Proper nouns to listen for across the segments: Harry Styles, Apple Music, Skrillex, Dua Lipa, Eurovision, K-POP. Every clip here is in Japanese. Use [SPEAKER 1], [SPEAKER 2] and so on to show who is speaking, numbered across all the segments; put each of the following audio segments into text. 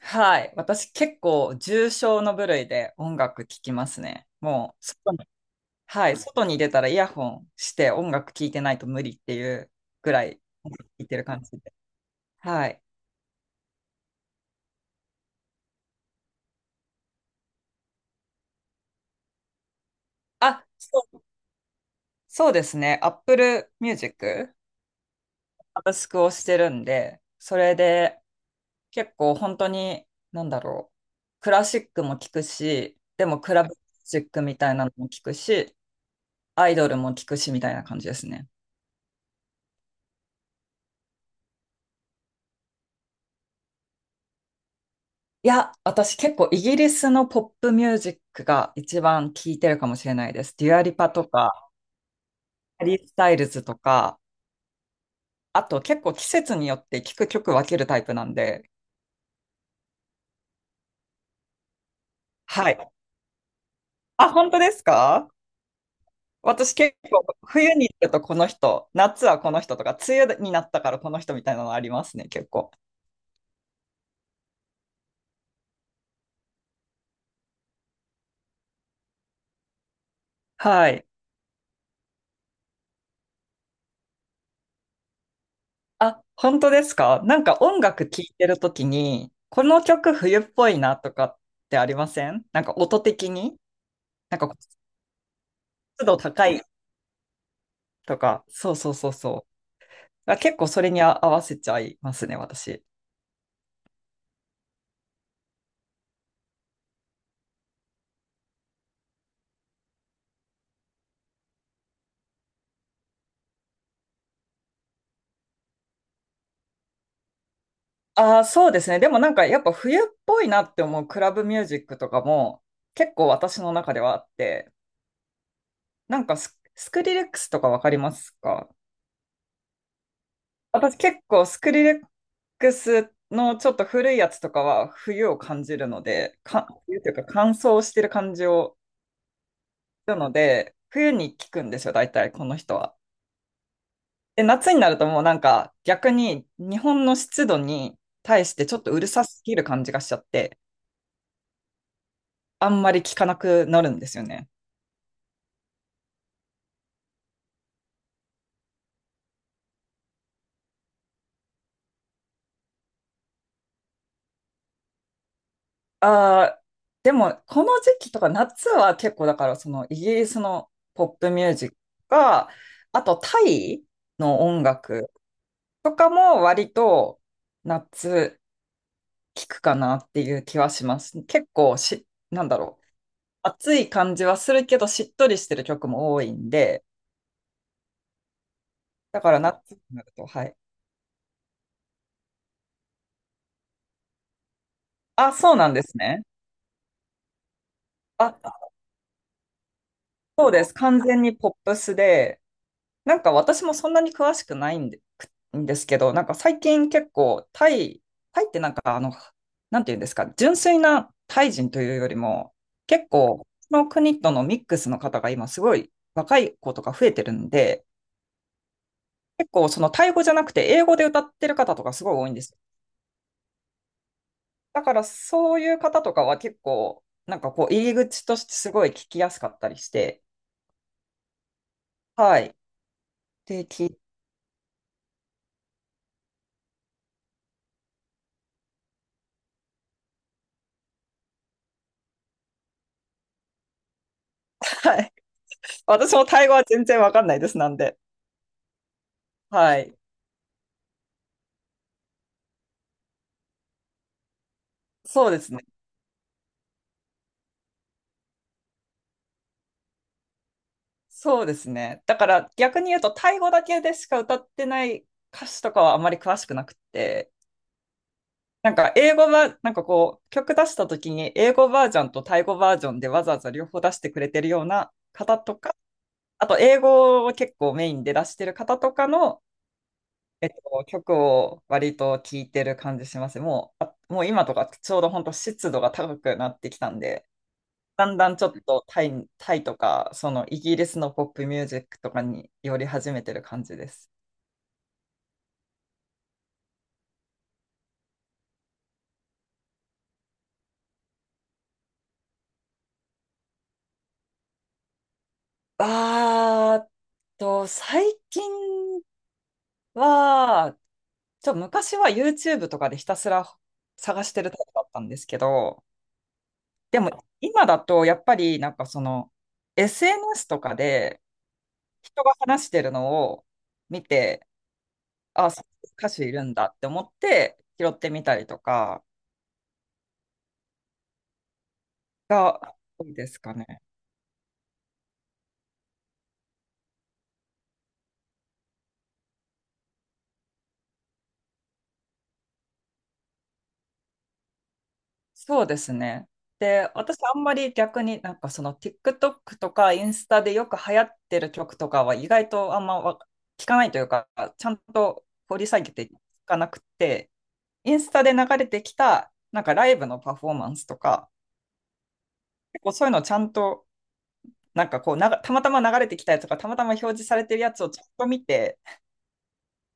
[SPEAKER 1] はい。私結構重症の部類で音楽聴きますね。もう外に、はい。外に出たらイヤホンして音楽聴いてないと無理っていうぐらい音楽聴いてる感じで。はい。あ、そう、そうですね。Apple Music、サブスクをしてるんで、それで結構本当に、なんだろう。クラシックも聴くし、でもクラブミュージックみたいなのも聴くし、アイドルも聴くしみたいな感じですね。いや、私結構イギリスのポップミュージックが一番聴いてるかもしれないです。デュアリパとか、ハリー・スタイルズとか、あと結構季節によって聴く曲分けるタイプなんで。はい。あ、本当ですか？私結構冬に行くとこの人、夏はこの人とか、梅雨になったからこの人みたいなのありますね、結構。はい。あ、本当ですか？なんか音楽聴いてるときに、この曲冬っぽいなとかってありません？なんか音的に、なんか湿度高いとか、そうそうそうそう。あ、結構それに合わせちゃいますね、私。ああ、そうですね。でもなんかやっぱ冬っぽいなって思うクラブミュージックとかも結構私の中ではあって、なんかスクリレックスとかわかりますか？私結構スクリレックスのちょっと古いやつとかは冬を感じるので、か、冬というか乾燥してる感じをするので、冬に聞くんですよ、大体この人は。で、夏になるともうなんか逆に日本の湿度に対してちょっとうるさすぎる感じがしちゃって、あんまり効かなくなるんですよね。ああ、でもこの時期とか夏は結構だからそのイギリスのポップミュージックが、あとタイの音楽とかも割と夏聞くかなっていう気はします。結構し、なんだろう。暑い感じはするけどしっとりしてる曲も多いんで、だから夏になると、はい。あ、そうなんですね。あ、そうです。完全にポップスで、なんか私もそんなに詳しくないんで、くんですけど、なんか最近結構タイってなんかあの、なんていうんですか、純粋なタイ人というよりも、結構、その国とのミックスの方が今すごい若い子とか増えてるんで、結構そのタイ語じゃなくて英語で歌ってる方とかすごい多いんですよ。だからそういう方とかは結構、なんかこう入り口としてすごい聞きやすかったりして、はい。で、聞いはい。私もタイ語は全然わかんないです、なんで。はい。そうですね。そうですね。だから逆に言うと、タイ語だけでしか歌ってない歌詞とかはあまり詳しくなくて、なんか英語は、なんかこう、曲出した時に英語バージョンとタイ語バージョンでわざわざ両方出してくれてるような方とか、あと英語を結構メインで出してる方とかの、曲を割と聴いてる感じします。もう、あもう今とかちょうど本当湿度が高くなってきたんで、だんだんちょっとタイとか、そのイギリスのポップミュージックとかに寄り始めてる感じです。あーっと、最近は、昔は YouTube とかでひたすら探してるタイプだったんですけど、でも今だとやっぱりなんかその SNS とかで人が話してるのを見て、あ、そういう歌手いるんだって思って拾ってみたりとかが多いですかね。そうですね。で、私あんまり逆になんかその TikTok とかインスタでよく流行ってる曲とかは意外とあんまわ聞かないというか、ちゃんと掘り下げていかなくて、インスタで流れてきたなんかライブのパフォーマンスとか、結構そういうのをちゃんとなんかこうながたまたま流れてきたやつとか、たまたま表示されてるやつをちゃんと見て、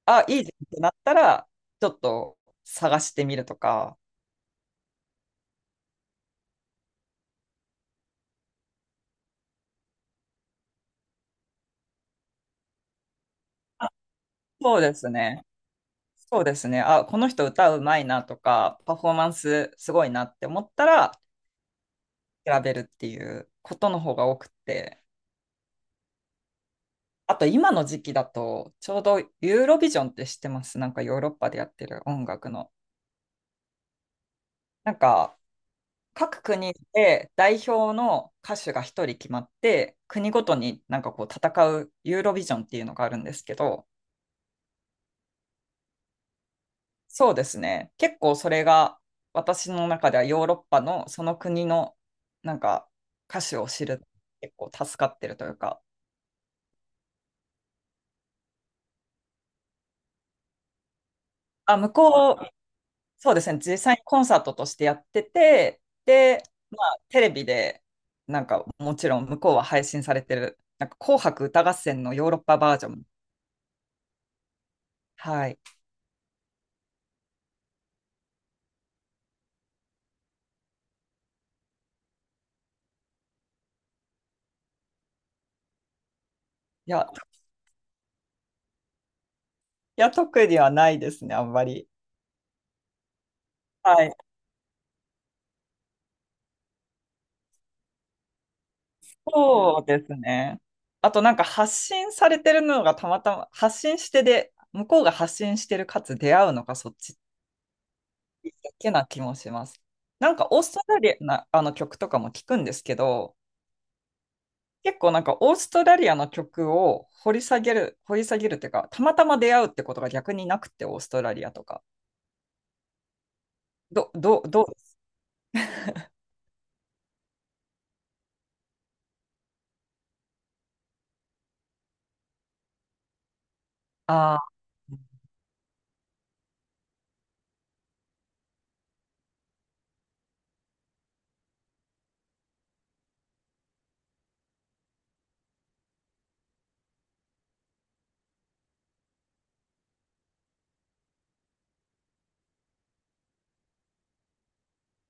[SPEAKER 1] あ、いいじゃんってなったら、ちょっと探してみるとか。あ、そうですね。そうですね。あ、この人歌うまいなとか、パフォーマンスすごいなって思ったら、調べるっていうことの方が多くて。あと今の時期だと、ちょうどユーロビジョンって知ってます？なんかヨーロッパでやってる音楽の。なんか、各国で代表の歌手が一人決まって、国ごとになんかこう戦うユーロビジョンっていうのがあるんですけど、そうですね。結構それが私の中ではヨーロッパのその国のなんか歌手を知る結構助かってるというか、あ、向こう、そうですね、実際にコンサートとしてやってて、で、まあテレビでなんかもちろん向こうは配信されてる、なんか紅白歌合戦のヨーロッパバージョン。はい。いや、いや特にはないですね、あんまり。はい。そうですね。あとなんか発信されてるのがたまたま発信してで、向こうが発信してるかつ出会うのがそっちだけな気もします。なんかオーストラリアなあの曲とかも聞くんですけど、結構なんかオーストラリアの曲を掘り下げるっていうか、たまたま出会うってことが逆になくて、オーストラリアとか。どうです？ああー、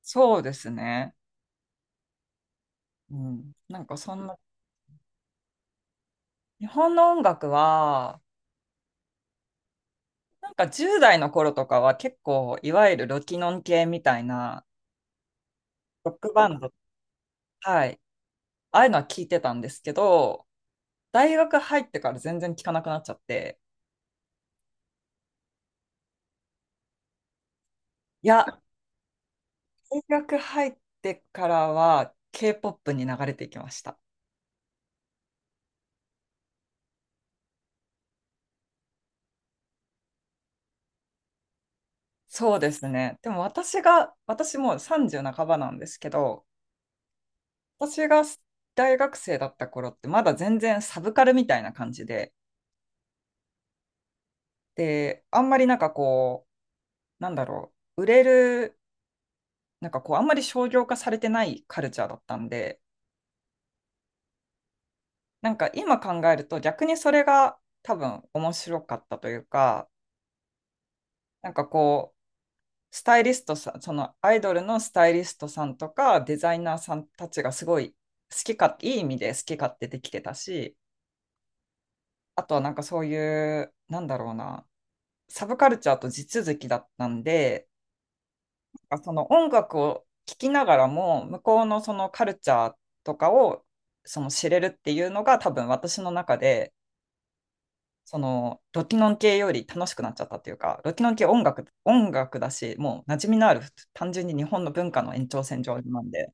[SPEAKER 1] そうですね。うん。なんかそんな、日本の音楽は、なんか10代の頃とかは結構、いわゆるロキノン系みたいな、ロックバンド、はい、ああいうのは聞いてたんですけど、大学入ってから全然聞かなくなっちゃって、いや、大学入ってからは K-POP に流れていきました。そうですね。でも私もう30半ばなんですけど、私が大学生だった頃ってまだ全然サブカルみたいな感じで、で、あんまりなんかこう、なんだろう、売れるなんかこう、あんまり商業化されてないカルチャーだったんで、なんか今考えると逆にそれが多分面白かったというか、なんかこう、スタイリストさん、そのアイドルのスタイリストさんとかデザイナーさんたちがすごい好きか、いい意味で好き勝手できてたし、あとはなんかそういう、なんだろうな、サブカルチャーと地続きだったんで、かその音楽を聴きながらも向こうのそのカルチャーとかをその知れるっていうのが多分私の中でそのロキノン系より楽しくなっちゃったっていうかロキノン系音楽音楽だしもう馴染みのある単純に日本の文化の延長線上なんで、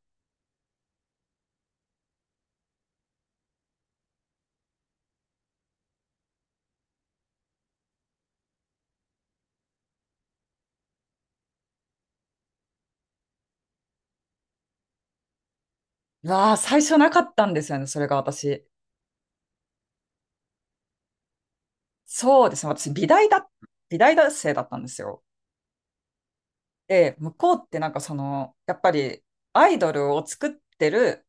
[SPEAKER 1] うわあ最初なかったんですよねそれが私。そうですね。私美大学生だったんですよ。で向こうってなんかそのやっぱりアイドルを作ってる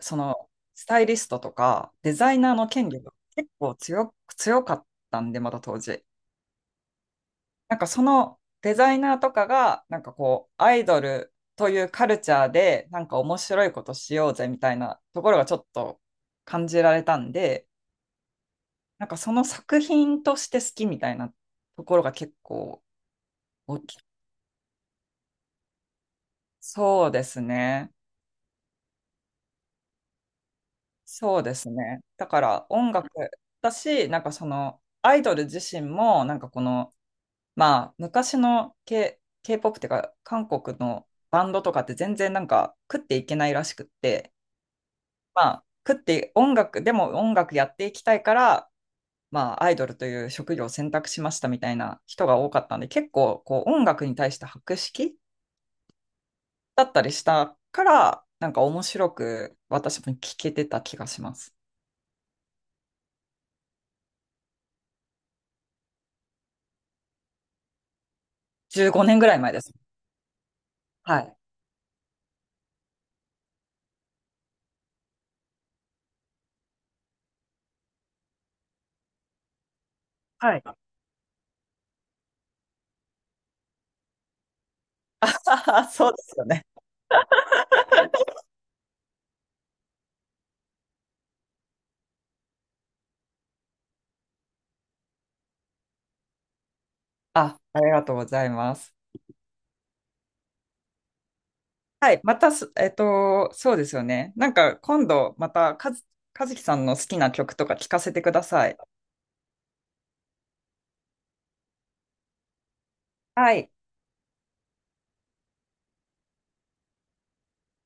[SPEAKER 1] そのスタイリストとかデザイナーの権利が結構強かったんで、まだ当時。なんかそのデザイナーとかが、なんかこう、アイドルというカルチャーで、なんか面白いことしようぜみたいなところがちょっと感じられたんで、なんかその作品として好きみたいなところが結構大きい。そうですね。そうですね。だから音楽だし、なんかそのアイドル自身も、なんかこの、まあ、昔の K-POP っていうか、韓国のバンドとかって全然なんか食っていけないらしくって、まあ、食って音楽、でも音楽やっていきたいから、まあ、アイドルという職業を選択しましたみたいな人が多かったんで、結構こう音楽に対して博識だったりしたから、なんか面白く私も聞けてた気がします。15年ぐらい前です。はい。はい。そうですよね。あ、ありがとうございます。はい、またす、えっと、そうですよね。なんか今度また、かずきさんの好きな曲とか聞かせてください。はい。